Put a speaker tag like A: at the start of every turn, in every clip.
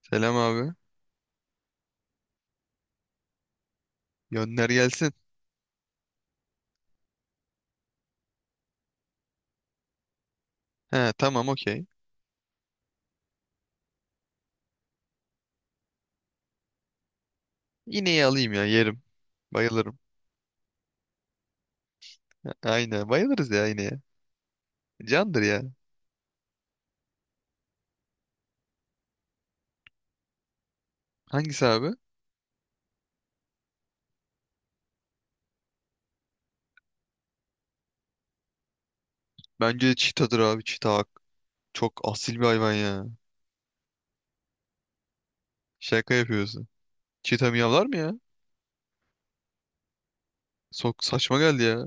A: Selam abi. Gönder gelsin. He tamam okey. İneği alayım ya yerim. Bayılırım. Aynen bayılırız ya ineğe. Candır ya. Hangisi abi? Bence çitadır abi çita. Çok asil bir hayvan ya. Şaka yapıyorsun. Çita miyavlar mı ya? Sok saçma geldi ya.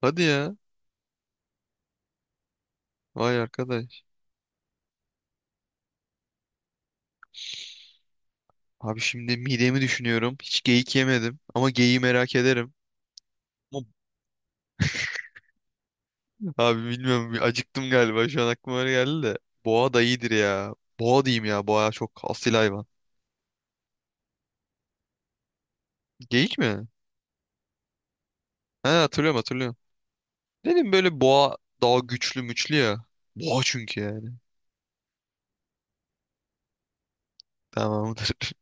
A: Hadi ya. Vay arkadaş. Abi şimdi midemi düşünüyorum. Hiç geyik yemedim. Ama geyiği merak ederim. Ama- Abi bilmiyorum bir acıktım galiba. Şu an aklıma öyle geldi de. Boğa da iyidir ya. Boğa diyeyim ya. Boğa çok asil hayvan. Geyik mi? He, hatırlıyorum. Dedim böyle boğa daha güçlü müçlü ya. Boğa çünkü yani. Tamamdır.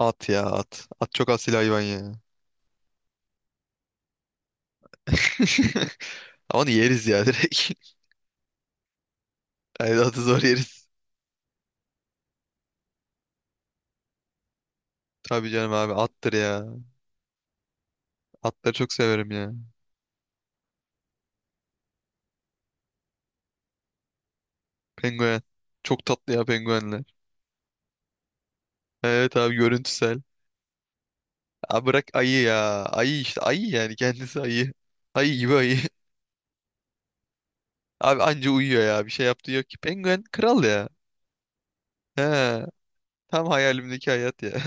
A: At ya at. At çok asil hayvan ya. Ama onu yeriz ya direkt. Hayır, atı zor yeriz. Tabii canım abi attır ya. Atları çok severim ya. Penguen. Çok tatlı ya penguenler. Evet abi, görüntüsel. Abi bırak ayı ya. Ayı işte, ayı yani, kendisi ayı. Ayı gibi ayı. Abi anca uyuyor ya. Bir şey yaptığı yok ki. Penguen kral ya. He. Tam hayalimdeki hayat ya.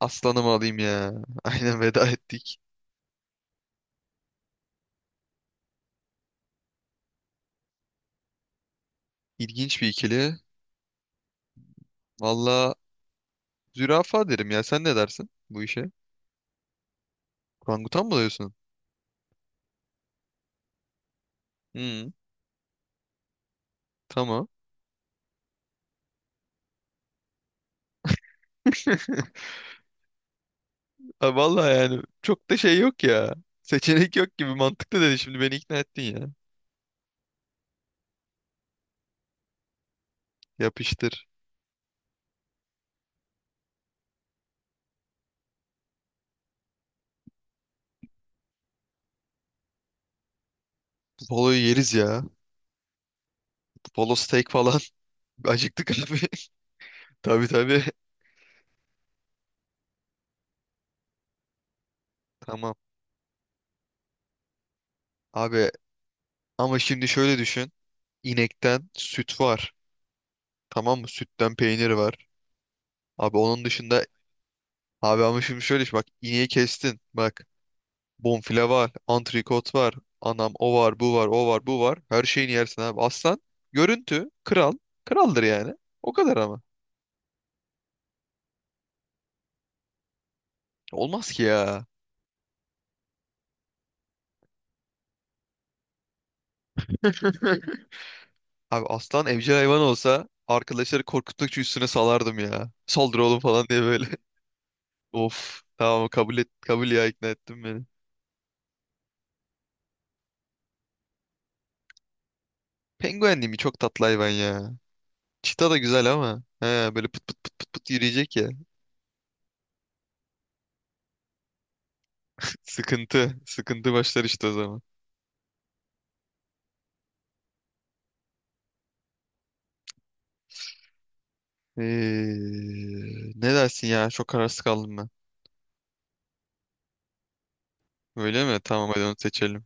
A: Aslanımı alayım ya. Aynen, veda ettik. İlginç bir ikili. Valla zürafa derim ya. Sen ne dersin bu işe? Orangutan mı diyorsun? Hı, tamam. Ha, valla yani çok da şey yok ya. Seçenek yok gibi, mantıklı dedi. Şimdi beni ikna ettin ya. Yapıştır. Buffalo'yu yeriz ya. Polo steak falan. Acıktık abi. Tabii tabii. Tamam. Abi ama şimdi şöyle düşün. İnekten süt var. Tamam mı? Sütten peynir var. Abi onun dışında, abi ama şimdi şöyle iş, bak ineği kestin. Bak, bonfile var, antrikot var, anam o var, bu var, o var, bu var. Her şeyini yersin abi. Aslan görüntü kral. Kraldır yani. O kadar ama. Olmaz ki ya. Abi aslan evcil hayvan olsa arkadaşları korkuttukça üstüne salardım ya. Saldır oğlum falan diye böyle. Of tamam, kabul et, kabul ya, ikna ettin beni. Penguen değil mi? Çok tatlı hayvan ya. Çita da güzel ama. He, böyle pıt pıt pıt pıt pıt yürüyecek ya. Sıkıntı. Sıkıntı başlar işte o zaman. Ee, Ne dersin ya? Çok kararsız kaldım ben. Öyle mi? Tamam, hadi onu seçelim.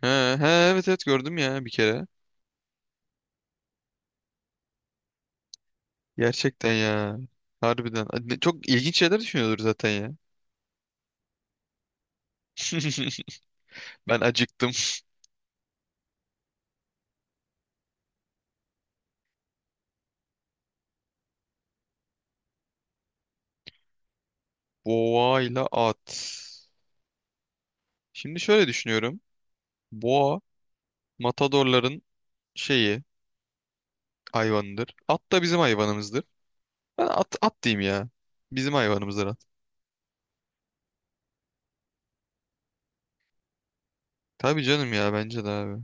A: He, he, evet evet, gördüm ya bir kere. Gerçekten ya. Harbiden. Çok ilginç şeyler düşünüyordur zaten ya. Ben acıktım. Boğayla at. Şimdi şöyle düşünüyorum. Boğa matadorların şeyi, hayvanıdır. At da bizim hayvanımızdır. Ben at, at diyeyim ya. Bizim hayvanımızdır at. Tabii canım ya, bence de abi.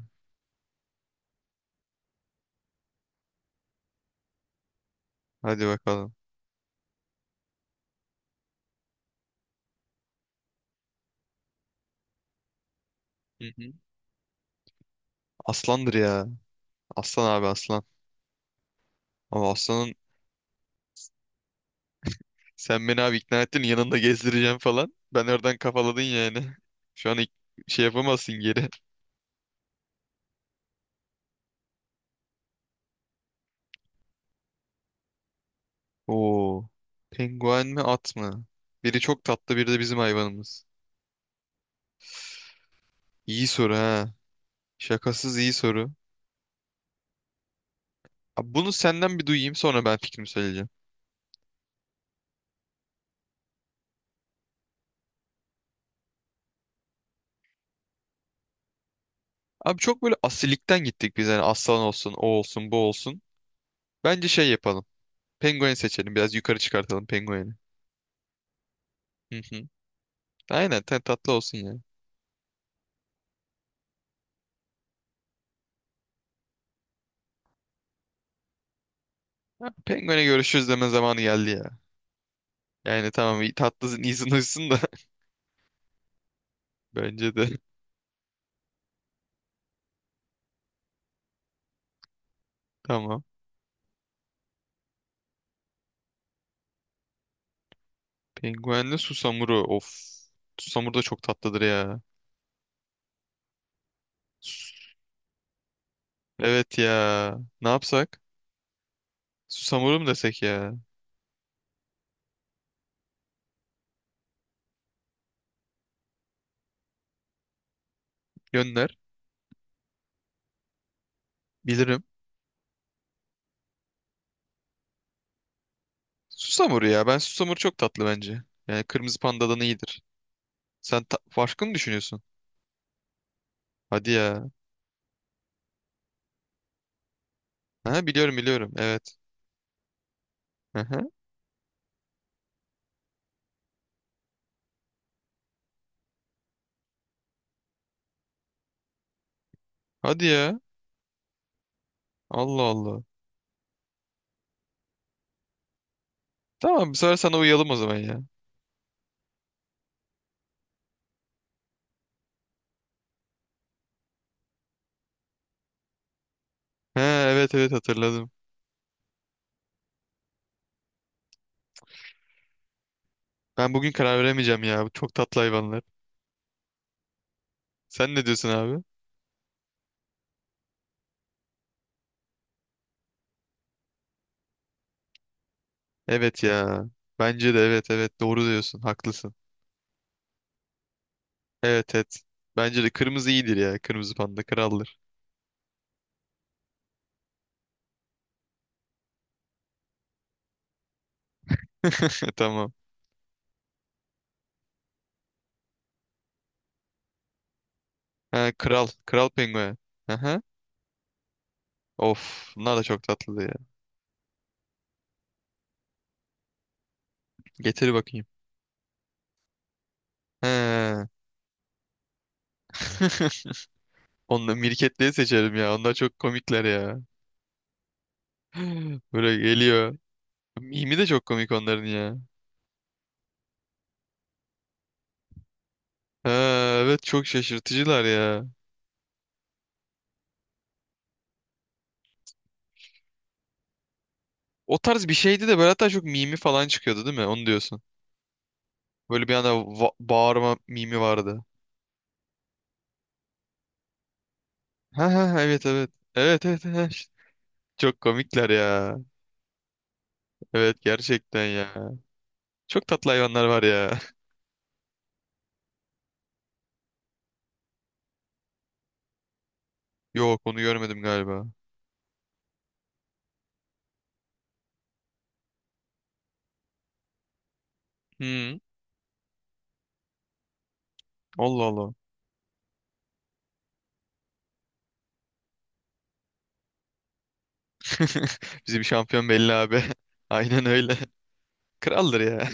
A: Hadi bakalım. Hı hı. Aslandır ya. Aslan abi aslan. Ama Aslan'ın, sen beni abi ikna ettin, yanında gezdireceğim falan. Ben oradan kafaladın yani. Şu an ik- şey yapamazsın geri. Oo. Penguen mi at mı? Biri çok tatlı, biri de bizim hayvanımız. İyi soru ha. Şakasız iyi soru. Abi bunu senden bir duyayım, sonra ben fikrimi söyleyeceğim. Abi çok böyle asilikten gittik biz. Yani aslan olsun, o olsun, bu olsun. Bence şey yapalım. Penguen seçelim. Biraz yukarı çıkartalım pengueni. Hı hı. Aynen ten tatlı olsun ya. Ha, Penguen'e görüşürüz deme zamanı geldi ya. Yani tamam, iyi- tatlısın, iyisin, hoşsun da, bence de. Tamam. Penguenle susamuru. Of. Susamuru da çok tatlıdır ya. Sus- Evet ya. Ne yapsak? Susamuru mu desek ya? Gönder. Bilirim. Susamuru ya. Ben susamuru çok tatlı bence. Yani kırmızı pandadan iyidir. Farklı mı düşünüyorsun? Hadi ya. Ha, biliyorum. Evet. Aha. Hadi ya. Allah Allah. Tamam, bir sefer sana uyalım o zaman ya. Ha, evet evet, hatırladım. Ben bugün karar veremeyeceğim ya. Bu çok tatlı hayvanlar. Sen ne diyorsun abi? Evet ya. Bence de, evet evet, doğru diyorsun. Haklısın. Evet evet. Bence de kırmızı iyidir ya. Kırmızı panda kraldır. Tamam. Ha, kral. Kral penguen. Aha. Of. Bunlar da çok tatlı ya. Getir bakayım. Ha. Onları, mirketliği seçerim ya. Onlar çok komikler ya. Böyle geliyor. Mimi de çok komik onların ya. Ha, evet, çok şaşırtıcılar ya. O tarz bir şeydi de böyle, hatta çok mimi falan çıkıyordu değil mi? Onu diyorsun. Böyle bir anda bağırma mimi vardı. Ha ha ha, evet evet. Evet evet. Evet. Çok komikler ya. Evet gerçekten ya. Çok tatlı hayvanlar var ya. Yok, onu görmedim galiba. Hmm, Allah Allah. Bizi bir şampiyon belli abi. Aynen öyle. Kraldır ya.